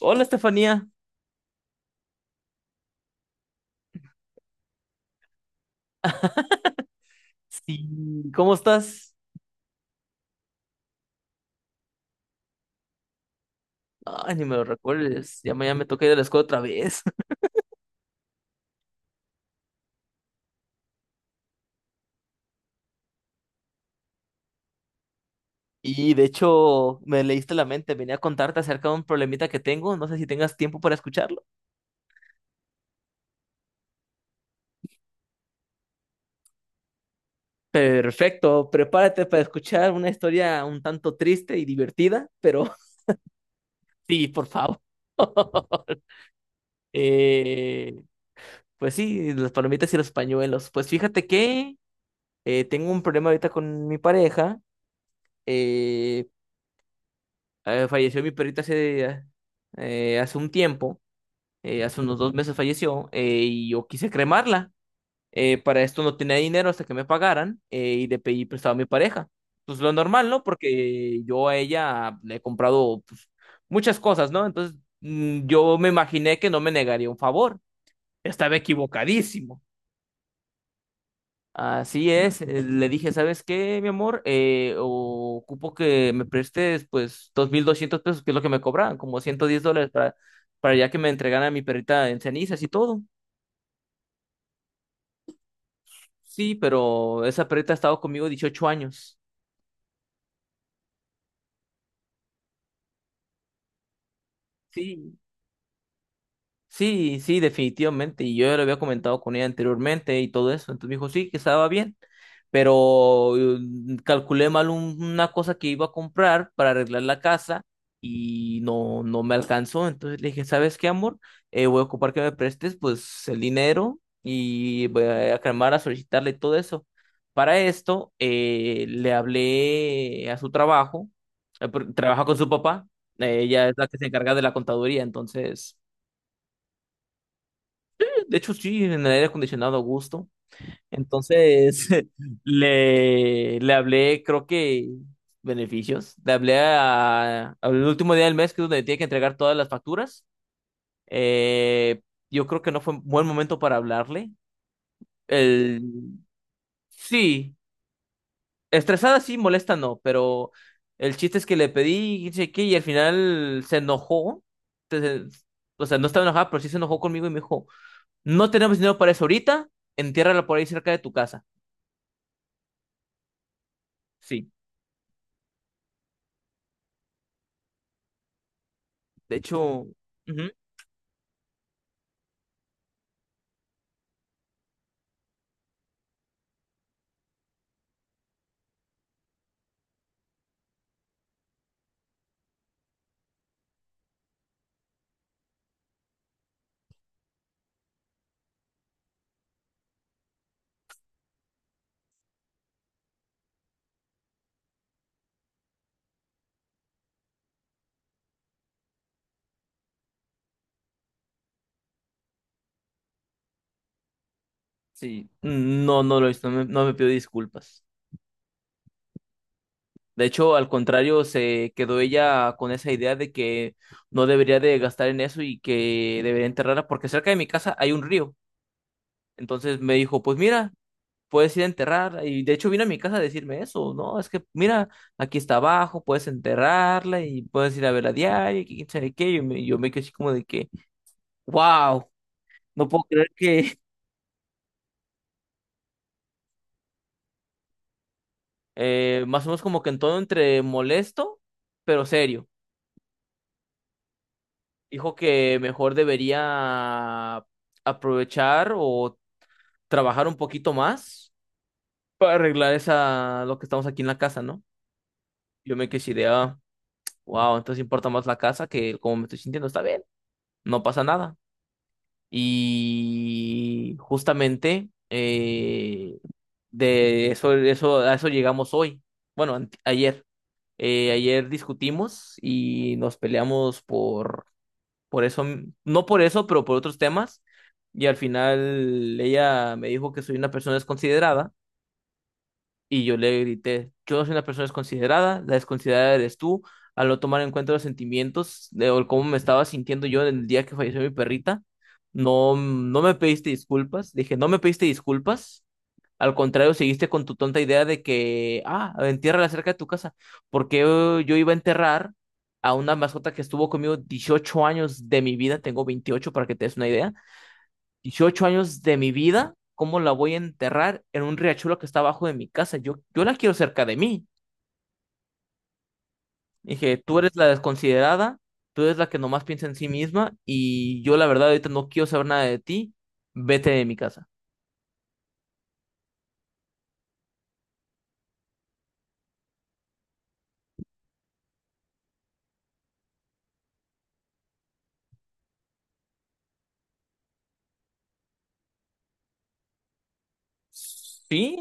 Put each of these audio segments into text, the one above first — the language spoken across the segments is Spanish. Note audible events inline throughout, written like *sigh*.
Hola Estefanía, sí, ¿cómo estás? Ay, ni me lo recuerdes, ya mañana me toca ir a la escuela otra vez. *laughs* Y de hecho, me leíste la mente, venía a contarte acerca de un problemita que tengo, no sé si tengas tiempo para escucharlo. Perfecto, prepárate para escuchar una historia un tanto triste y divertida, pero *laughs* sí, por favor. *laughs* Eh, pues sí, las palomitas y los pañuelos. Pues fíjate que tengo un problema ahorita con mi pareja. eh, Falleció mi perrita hace, hace un tiempo, hace unos 2 meses falleció, y yo quise cremarla. Para esto no tenía dinero hasta que me pagaran, y le pedí prestado a mi pareja. Pues lo normal, ¿no? Porque yo a ella le he comprado, pues, muchas cosas, ¿no? Entonces yo me imaginé que no me negaría un favor. Estaba equivocadísimo. Así es, le dije: ¿sabes qué, mi amor? Ocupo que me prestes pues 2.200 pesos, que es lo que me cobraban, como 110 dólares para ya que me entregaran a mi perrita en cenizas y todo. Sí, pero esa perrita ha estado conmigo 18 años. Sí, sí, sí, definitivamente. Y yo ya lo había comentado con ella anteriormente y todo eso. Entonces me dijo, sí, que estaba bien. Pero calculé mal una cosa que iba a comprar para arreglar la casa y no, no me alcanzó. Entonces le dije: ¿sabes qué, amor? Voy a ocupar que me prestes pues el dinero y voy a llamar a solicitarle todo eso. Para esto, le hablé a su trabajo, porque trabaja con su papá. Ella es la que se encarga de la contaduría, entonces... De hecho, sí, en el aire acondicionado a gusto. Entonces, *laughs* le hablé, creo que beneficios. Le hablé al último día del mes, que es donde tiene que entregar todas las facturas. Eh, yo creo que no fue un buen momento para hablarle. El, sí, estresada sí, molesta no, pero el chiste es que le pedí, y sé qué, y al final se enojó. Entonces, o sea, no estaba enojada, pero sí se enojó conmigo y me dijo, no tenemos dinero para eso ahorita, entiérrala por ahí cerca de tu casa. Sí, de hecho, ujú, sí, no, no lo hizo, no me pidió disculpas. De hecho, al contrario, se quedó ella con esa idea de que no debería de gastar en eso y que debería enterrarla porque cerca de mi casa hay un río. Entonces me dijo, pues mira, puedes ir a enterrar. Y de hecho vino a mi casa a decirme eso, ¿no? Es que mira, aquí está abajo, puedes enterrarla y puedes ir a verla a diario y quién sabe qué. Yo me quedé así como de que, wow, no puedo creer que... más o menos como que en todo entre molesto, pero serio. Dijo que mejor debería aprovechar o trabajar un poquito más para arreglar esa, lo que estamos aquí en la casa, ¿no? Yo me quedé así de, ah, wow, entonces importa más la casa que cómo me estoy sintiendo. Está bien, no pasa nada. Y justamente a eso llegamos hoy. Bueno, ayer. Ayer discutimos y nos peleamos por eso, no por eso, pero por otros temas. Y al final ella me dijo que soy una persona desconsiderada y yo le grité, yo soy una persona desconsiderada, la desconsiderada eres tú, al no tomar en cuenta los sentimientos de, o el cómo me estaba sintiendo yo el día que falleció mi perrita. No, no me pediste disculpas, dije, no me pediste disculpas, al contrario, seguiste con tu tonta idea de que, ah, entiérrala cerca de tu casa, porque yo, iba a enterrar a una mascota que estuvo conmigo 18 años de mi vida, tengo 28 para que te des una idea. 18 años de mi vida, ¿cómo la voy a enterrar en un riachuelo que está abajo de mi casa? Yo, la quiero cerca de mí. Dije, tú eres la desconsiderada, tú eres la que nomás piensa en sí misma y yo la verdad ahorita no quiero saber nada de ti, vete de mi casa. Sí,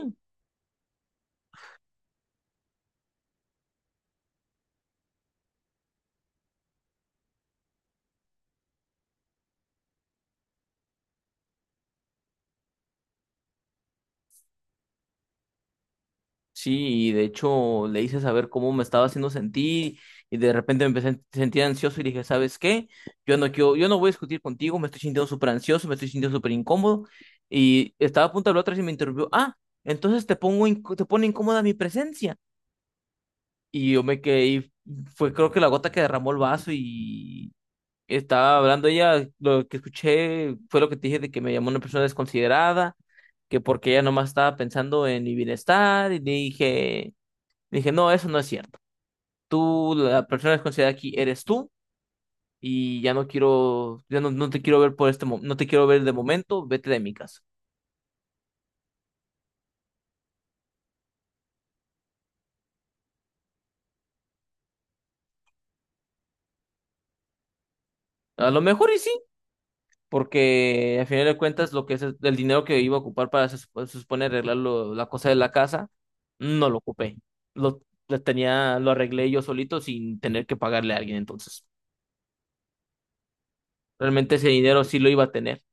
sí, y de hecho le hice saber cómo me estaba haciendo sentir y de repente me empecé a sentir ansioso y dije: ¿sabes qué? Yo no quiero, yo no voy a discutir contigo, me estoy sintiendo súper ansioso, me estoy sintiendo súper incómodo, y estaba a punto de hablar otra vez y me interrumpió, ah, entonces te pongo, te pone incómoda mi presencia. Y yo me quedé, y fue creo que la gota que derramó el vaso, y estaba hablando ella, lo que escuché fue lo que te dije, de que me llamó una persona desconsiderada, que porque ella nomás estaba pensando en mi bienestar, y le dije, no, eso no es cierto. Tú, la persona desconsiderada aquí eres tú, y ya no quiero, ya no, no te quiero ver por este momento, no te quiero ver de momento, vete de mi casa. A lo mejor y sí, porque al final de cuentas lo que es el dinero que iba a ocupar para se supone arreglar la cosa de la casa, no lo ocupé. Lo, lo tenía, lo arreglé yo solito sin tener que pagarle a alguien, entonces. Realmente ese dinero sí lo iba a tener.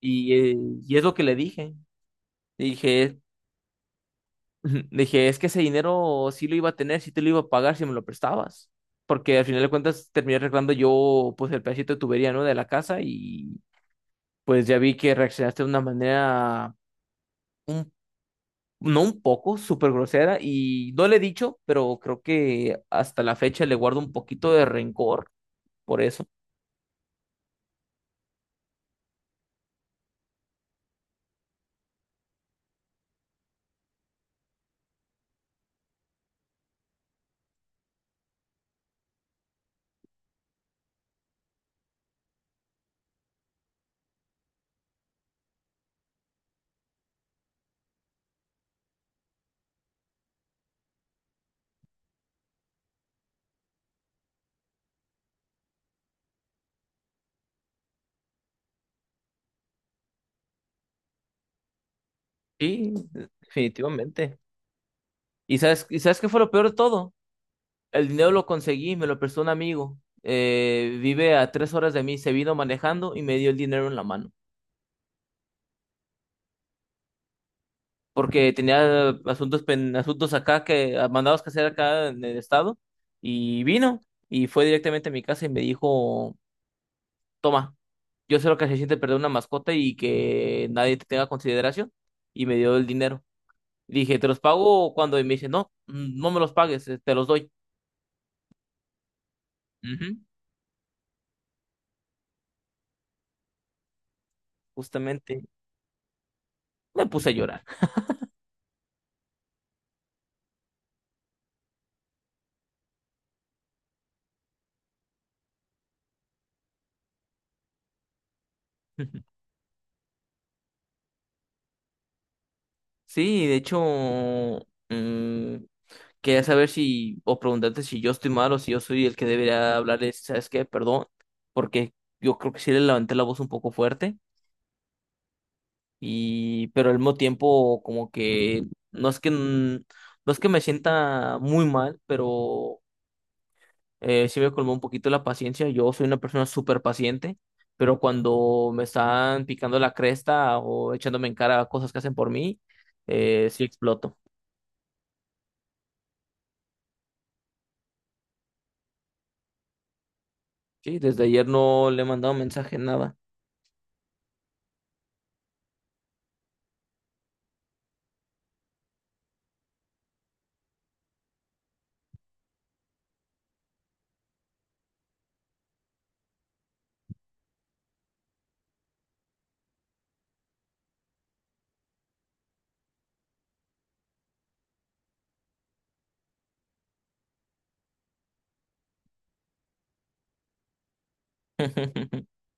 Y, eh, y es lo que le dije. Le dije, ujú. Dije, es que ese dinero sí lo iba a tener, sí te lo iba a pagar si me lo prestabas. Porque al final de cuentas terminé arreglando yo pues el pedacito de tubería, ¿no? De la casa. Y pues ya vi que reaccionaste de una manera, un, no un poco, súper grosera, y no le he dicho, pero creo que hasta la fecha le guardo un poquito de rencor por eso. Sí, definitivamente. ¿Y sabes, qué fue lo peor de todo? El dinero lo conseguí, me lo prestó un amigo. Vive a 3 horas de mí, se vino manejando y me dio el dinero en la mano. Porque tenía asuntos, asuntos acá que, ah, mandados que hacer acá en el estado. Y vino y fue directamente a mi casa y me dijo: toma, yo sé lo que se siente perder una mascota y que nadie te tenga consideración. Y me dio el dinero. Y dije: te los pago cuando. Y me dice: no, no me los pagues, te los doy. Ujú. Justamente me puse a llorar. *laughs* Sí, de hecho, mm, quería saber si, o preguntarte si yo estoy mal o si yo soy el que debería hablarles, ¿sabes qué? Perdón, porque yo creo que sí le levanté la voz un poco fuerte, pero al mismo tiempo como que no es que, no es que me sienta muy mal, pero sí me colmó un poquito la paciencia. Yo soy una persona súper paciente, pero cuando me están picando la cresta o echándome en cara cosas que hacen por mí, sí exploto. Sí, desde ayer no le he mandado mensaje, nada. *laughs*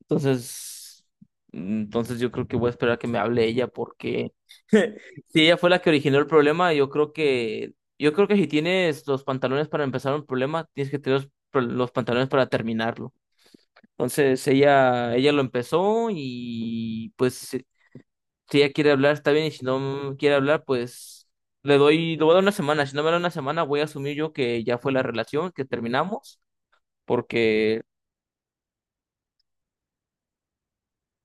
Entonces, entonces yo creo que voy a esperar a que me hable ella, porque *laughs* si ella fue la que originó el problema, yo creo que si tienes los pantalones para empezar un problema, tienes que tener los pantalones para terminarlo. Entonces ella lo empezó, y pues si ella quiere hablar está bien, y si no quiere hablar, pues le voy a dar una semana. Si no me da una semana, voy a asumir yo que ya fue la relación, que terminamos, porque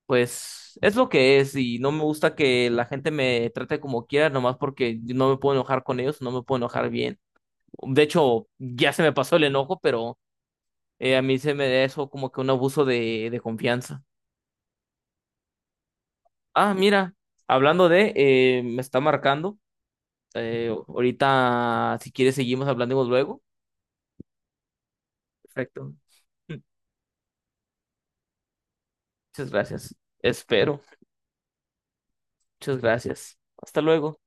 pues es lo que es, y no me gusta que la gente me trate como quiera, nomás porque yo no me puedo enojar con ellos, no me puedo enojar bien. De hecho, ya se me pasó el enojo, pero a mí se me da eso como que un abuso de, confianza. Ah, mira, hablando de, me está marcando. Ahorita, si quieres, seguimos hablando luego. Perfecto. *laughs* Muchas gracias. Espero. Muchas gracias. Hasta luego.